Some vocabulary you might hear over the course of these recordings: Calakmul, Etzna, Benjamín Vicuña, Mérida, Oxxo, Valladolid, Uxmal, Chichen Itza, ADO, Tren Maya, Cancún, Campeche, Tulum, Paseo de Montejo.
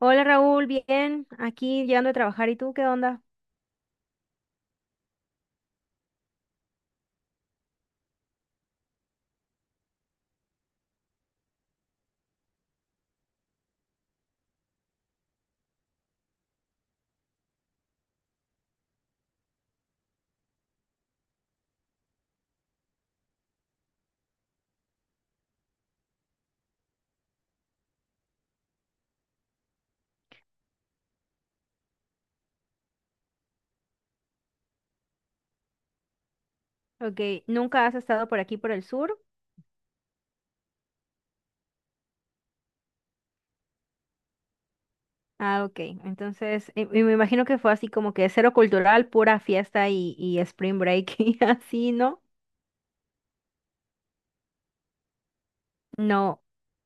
Hola Raúl, bien, aquí llegando a trabajar. ¿Y tú qué onda? Ok, ¿nunca has estado por aquí por el sur? Ah, ok, entonces y me imagino que fue así como que cero cultural, pura fiesta y spring break y así, ¿no? No,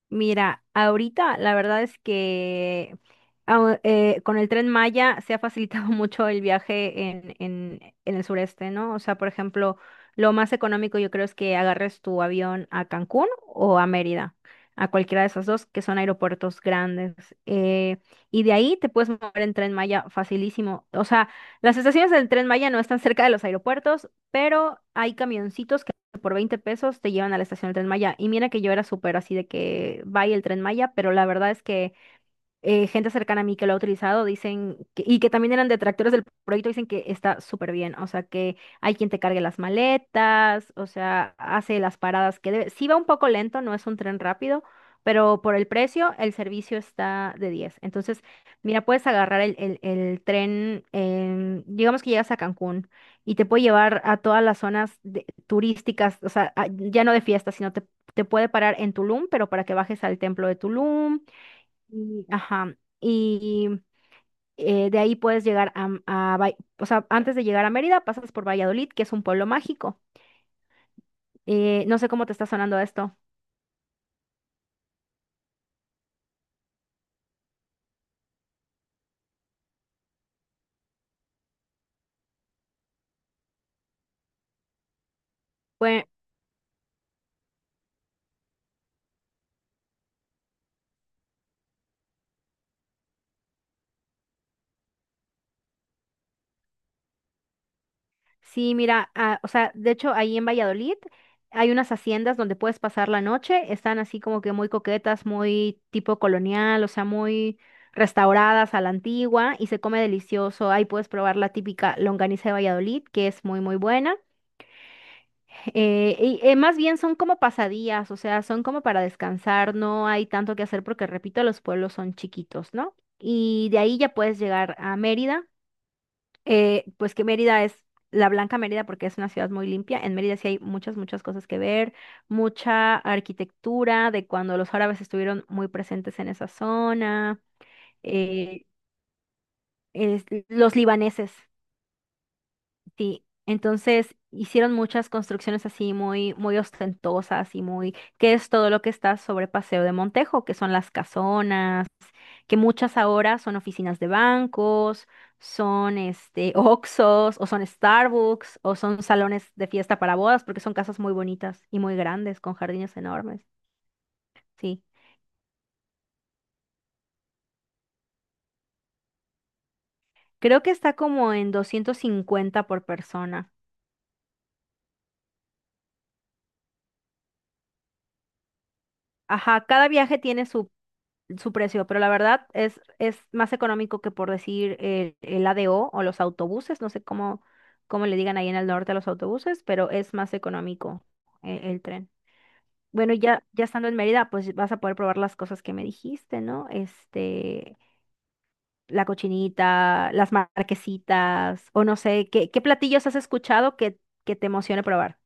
mira, ahorita la verdad es que con el Tren Maya se ha facilitado mucho el viaje en el sureste, ¿no? O sea, por ejemplo, lo más económico yo creo es que agarres tu avión a Cancún o a Mérida, a cualquiera de esos dos que son aeropuertos grandes. eh, y de ahí te puedes mover en Tren Maya facilísimo. O sea, las estaciones del Tren Maya no están cerca de los aeropuertos, pero hay camioncitos por 20 pesos te llevan a la estación del Tren Maya. Y mira que yo era súper así de que vaya el Tren Maya, pero la verdad es que gente cercana a mí que lo ha utilizado dicen y que también eran detractores del proyecto, dicen que está súper bien. O sea, que hay quien te cargue las maletas, o sea, hace las paradas que debe. Sí va un poco lento, no es un tren rápido, pero por el precio, el servicio está de diez. Entonces, mira, puedes agarrar el tren, digamos que llegas a Cancún y te puede llevar a todas las zonas turísticas, o sea, ya no de fiesta, sino te puede parar en Tulum, pero para que bajes al templo de Tulum y, ajá, y de ahí puedes llegar a, o sea, antes de llegar a Mérida pasas por Valladolid, que es un pueblo mágico. No sé cómo te está sonando esto. Pues sí, mira, ah, o sea, de hecho ahí en Valladolid hay unas haciendas donde puedes pasar la noche, están así como que muy coquetas, muy tipo colonial, o sea, muy restauradas a la antigua y se come delicioso. Ahí puedes probar la típica longaniza de Valladolid, que es muy, muy buena. Más bien son como pasadías, o sea, son como para descansar, no hay tanto que hacer porque, repito, los pueblos son chiquitos, ¿no? Y de ahí ya puedes llegar a Mérida, pues que Mérida es la Blanca Mérida porque es una ciudad muy limpia. En Mérida sí hay muchas, muchas cosas que ver, mucha arquitectura de cuando los árabes estuvieron muy presentes en esa zona, eh, los libaneses. Sí, entonces hicieron muchas construcciones así muy, muy ostentosas y muy, que es todo lo que está sobre Paseo de Montejo, que son las casonas, que muchas ahora son oficinas de bancos, son Oxxos, o son Starbucks, o son salones de fiesta para bodas, porque son casas muy bonitas y muy grandes, con jardines enormes. Sí, creo que está como en 250 por persona. Ajá, cada viaje tiene su precio, pero la verdad es más económico que por decir el ADO o los autobuses, no sé cómo le digan ahí en el norte a los autobuses, pero es más económico el tren. Bueno, ya, ya estando en Mérida, pues vas a poder probar las cosas que me dijiste, ¿no? La cochinita, las marquesitas, o no sé, ¿qué platillos has escuchado que te emocione probar?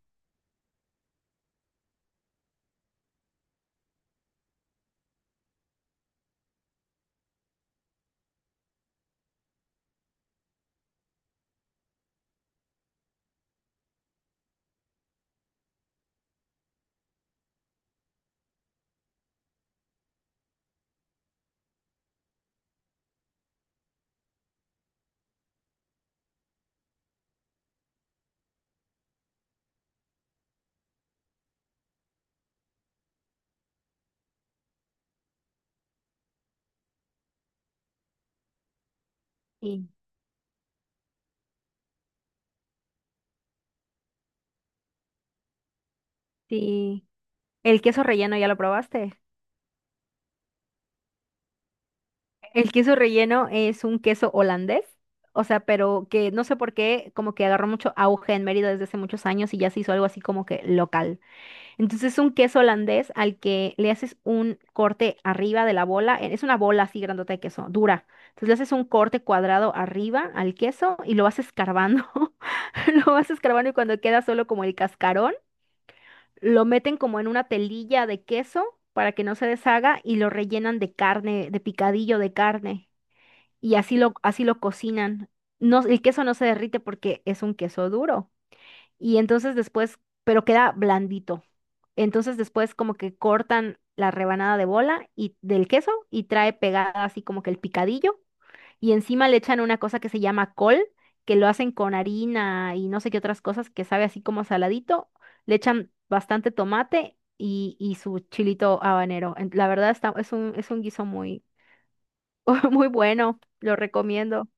Sí. Sí. ¿El queso relleno ya lo probaste? El queso relleno es un queso holandés, o sea, pero que no sé por qué, como que agarró mucho auge en Mérida desde hace muchos años y ya se hizo algo así como que local. Entonces es un queso holandés al que le haces un corte arriba de la bola, es una bola así grandota de queso, dura. Entonces le haces un corte cuadrado arriba al queso y lo vas escarbando, lo vas escarbando y cuando queda solo como el cascarón, lo meten como en una telilla de queso para que no se deshaga y lo rellenan de carne, de picadillo de carne y así lo cocinan. No, el queso no se derrite porque es un queso duro. Y entonces después, pero queda blandito. Entonces después como que cortan la rebanada de bola y del queso y trae pegada así como que el picadillo y encima le echan una cosa que se llama col, que lo hacen con harina y no sé qué otras cosas que sabe así como saladito. Le echan bastante tomate y su chilito habanero. La verdad es un guiso muy, muy bueno, lo recomiendo.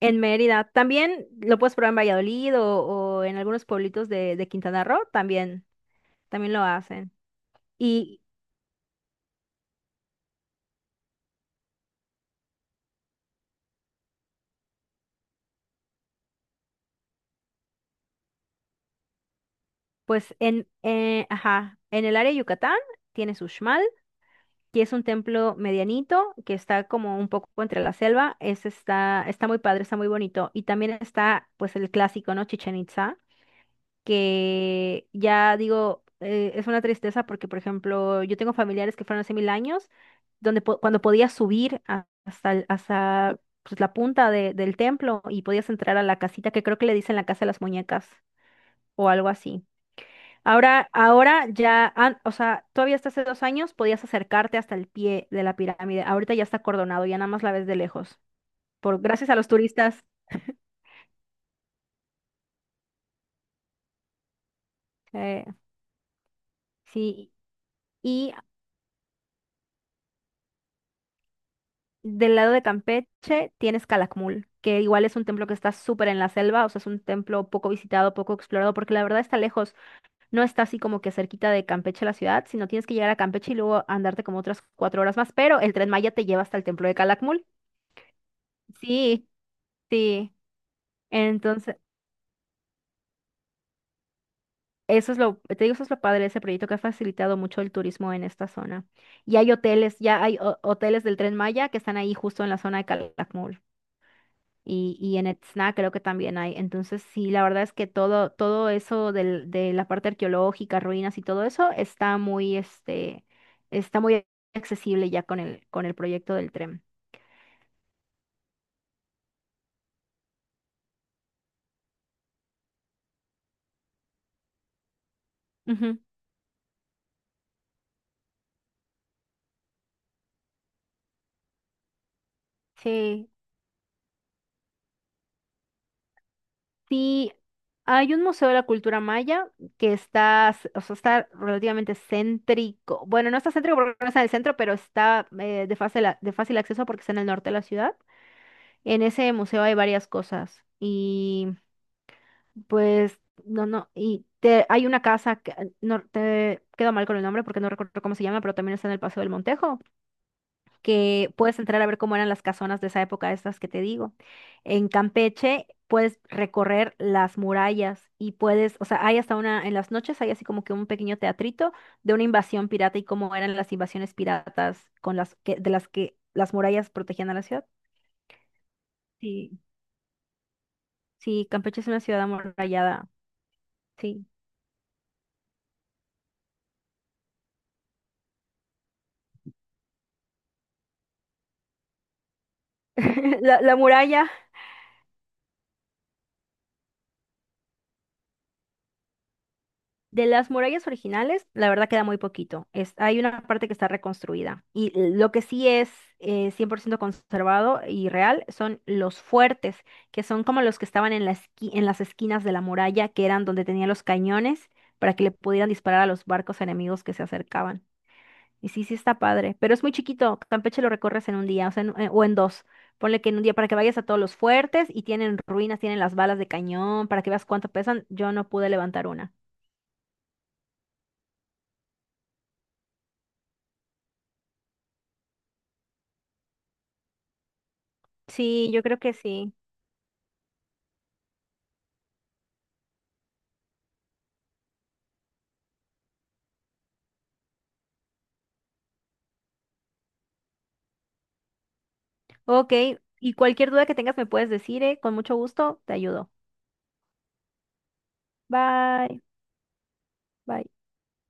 En Mérida. También lo puedes probar en Valladolid o en algunos pueblitos de Quintana Roo, también, también lo hacen. Y pues ajá, en el área de Yucatán tienes Uxmal, que es un templo medianito, que está como un poco entre la selva. Ese está muy padre, está muy bonito. Y también está pues el clásico, ¿no? Chichen Itza, que ya digo, es una tristeza porque, por ejemplo, yo tengo familiares que fueron hace mil años, donde cuando podías subir hasta, hasta pues, la punta del templo y podías entrar a la casita, que creo que le dicen la casa de las muñecas o algo así. Ahora, ahora ya, o sea, todavía hasta hace 2 años podías acercarte hasta el pie de la pirámide. Ahorita ya está acordonado, ya nada más la ves de lejos. Gracias a los turistas. eh, sí. Y del lado de Campeche tienes Calakmul, que igual es un templo que está súper en la selva, o sea, es un templo poco visitado, poco explorado, porque la verdad está lejos, no está así como que cerquita de Campeche la ciudad, sino tienes que llegar a Campeche y luego andarte como otras 4 horas más, pero el tren Maya te lleva hasta el templo de Calakmul. Sí, sí. Entonces, eso es lo, te digo, eso es lo padre de ese proyecto que ha facilitado mucho el turismo en esta zona. Y hay hoteles, ya hay hoteles del tren Maya que están ahí justo en la zona de Calakmul. Y en Etzna creo que también hay. Entonces, sí, la verdad es que todo, todo eso de la parte arqueológica, ruinas y todo eso está muy, está muy accesible ya con el proyecto del tren. Ujú. Sí, sí, hay un museo de la cultura maya que o sea, está relativamente céntrico. Bueno, no está céntrico porque no está en el centro, pero está de fácil acceso porque está en el norte de la ciudad. En ese museo hay varias cosas y pues, no, no. Y hay una casa que no te quedo mal con el nombre porque no recuerdo cómo se llama, pero también está en el Paseo del Montejo, que puedes entrar a ver cómo eran las casonas de esa época, estas que te digo. En Campeche puedes recorrer las murallas y puedes, o sea, hay hasta una, en las noches hay así como que un pequeño teatrito de una invasión pirata y cómo eran las invasiones piratas con las que, de las que las murallas protegían a la ciudad. Sí, sí, Campeche es una ciudad amurallada. Sí. La muralla. De las murallas originales, la verdad queda muy poquito. Hay una parte que está reconstruida. Y lo que sí es 100% conservado y real son los fuertes, que son como los que estaban en la en las esquinas de la muralla, que eran donde tenían los cañones para que le pudieran disparar a los barcos enemigos que se acercaban. Y sí, sí está padre, pero es muy chiquito. Campeche lo recorres en un día, o sea, o en dos. Ponle que en un día para que vayas a todos los fuertes y tienen ruinas, tienen las balas de cañón, para que veas cuánto pesan. Yo no pude levantar una. Sí, yo creo que sí. Ok, y cualquier duda que tengas me puedes decir, ¿eh? Con mucho gusto, te ayudo. Bye, bye.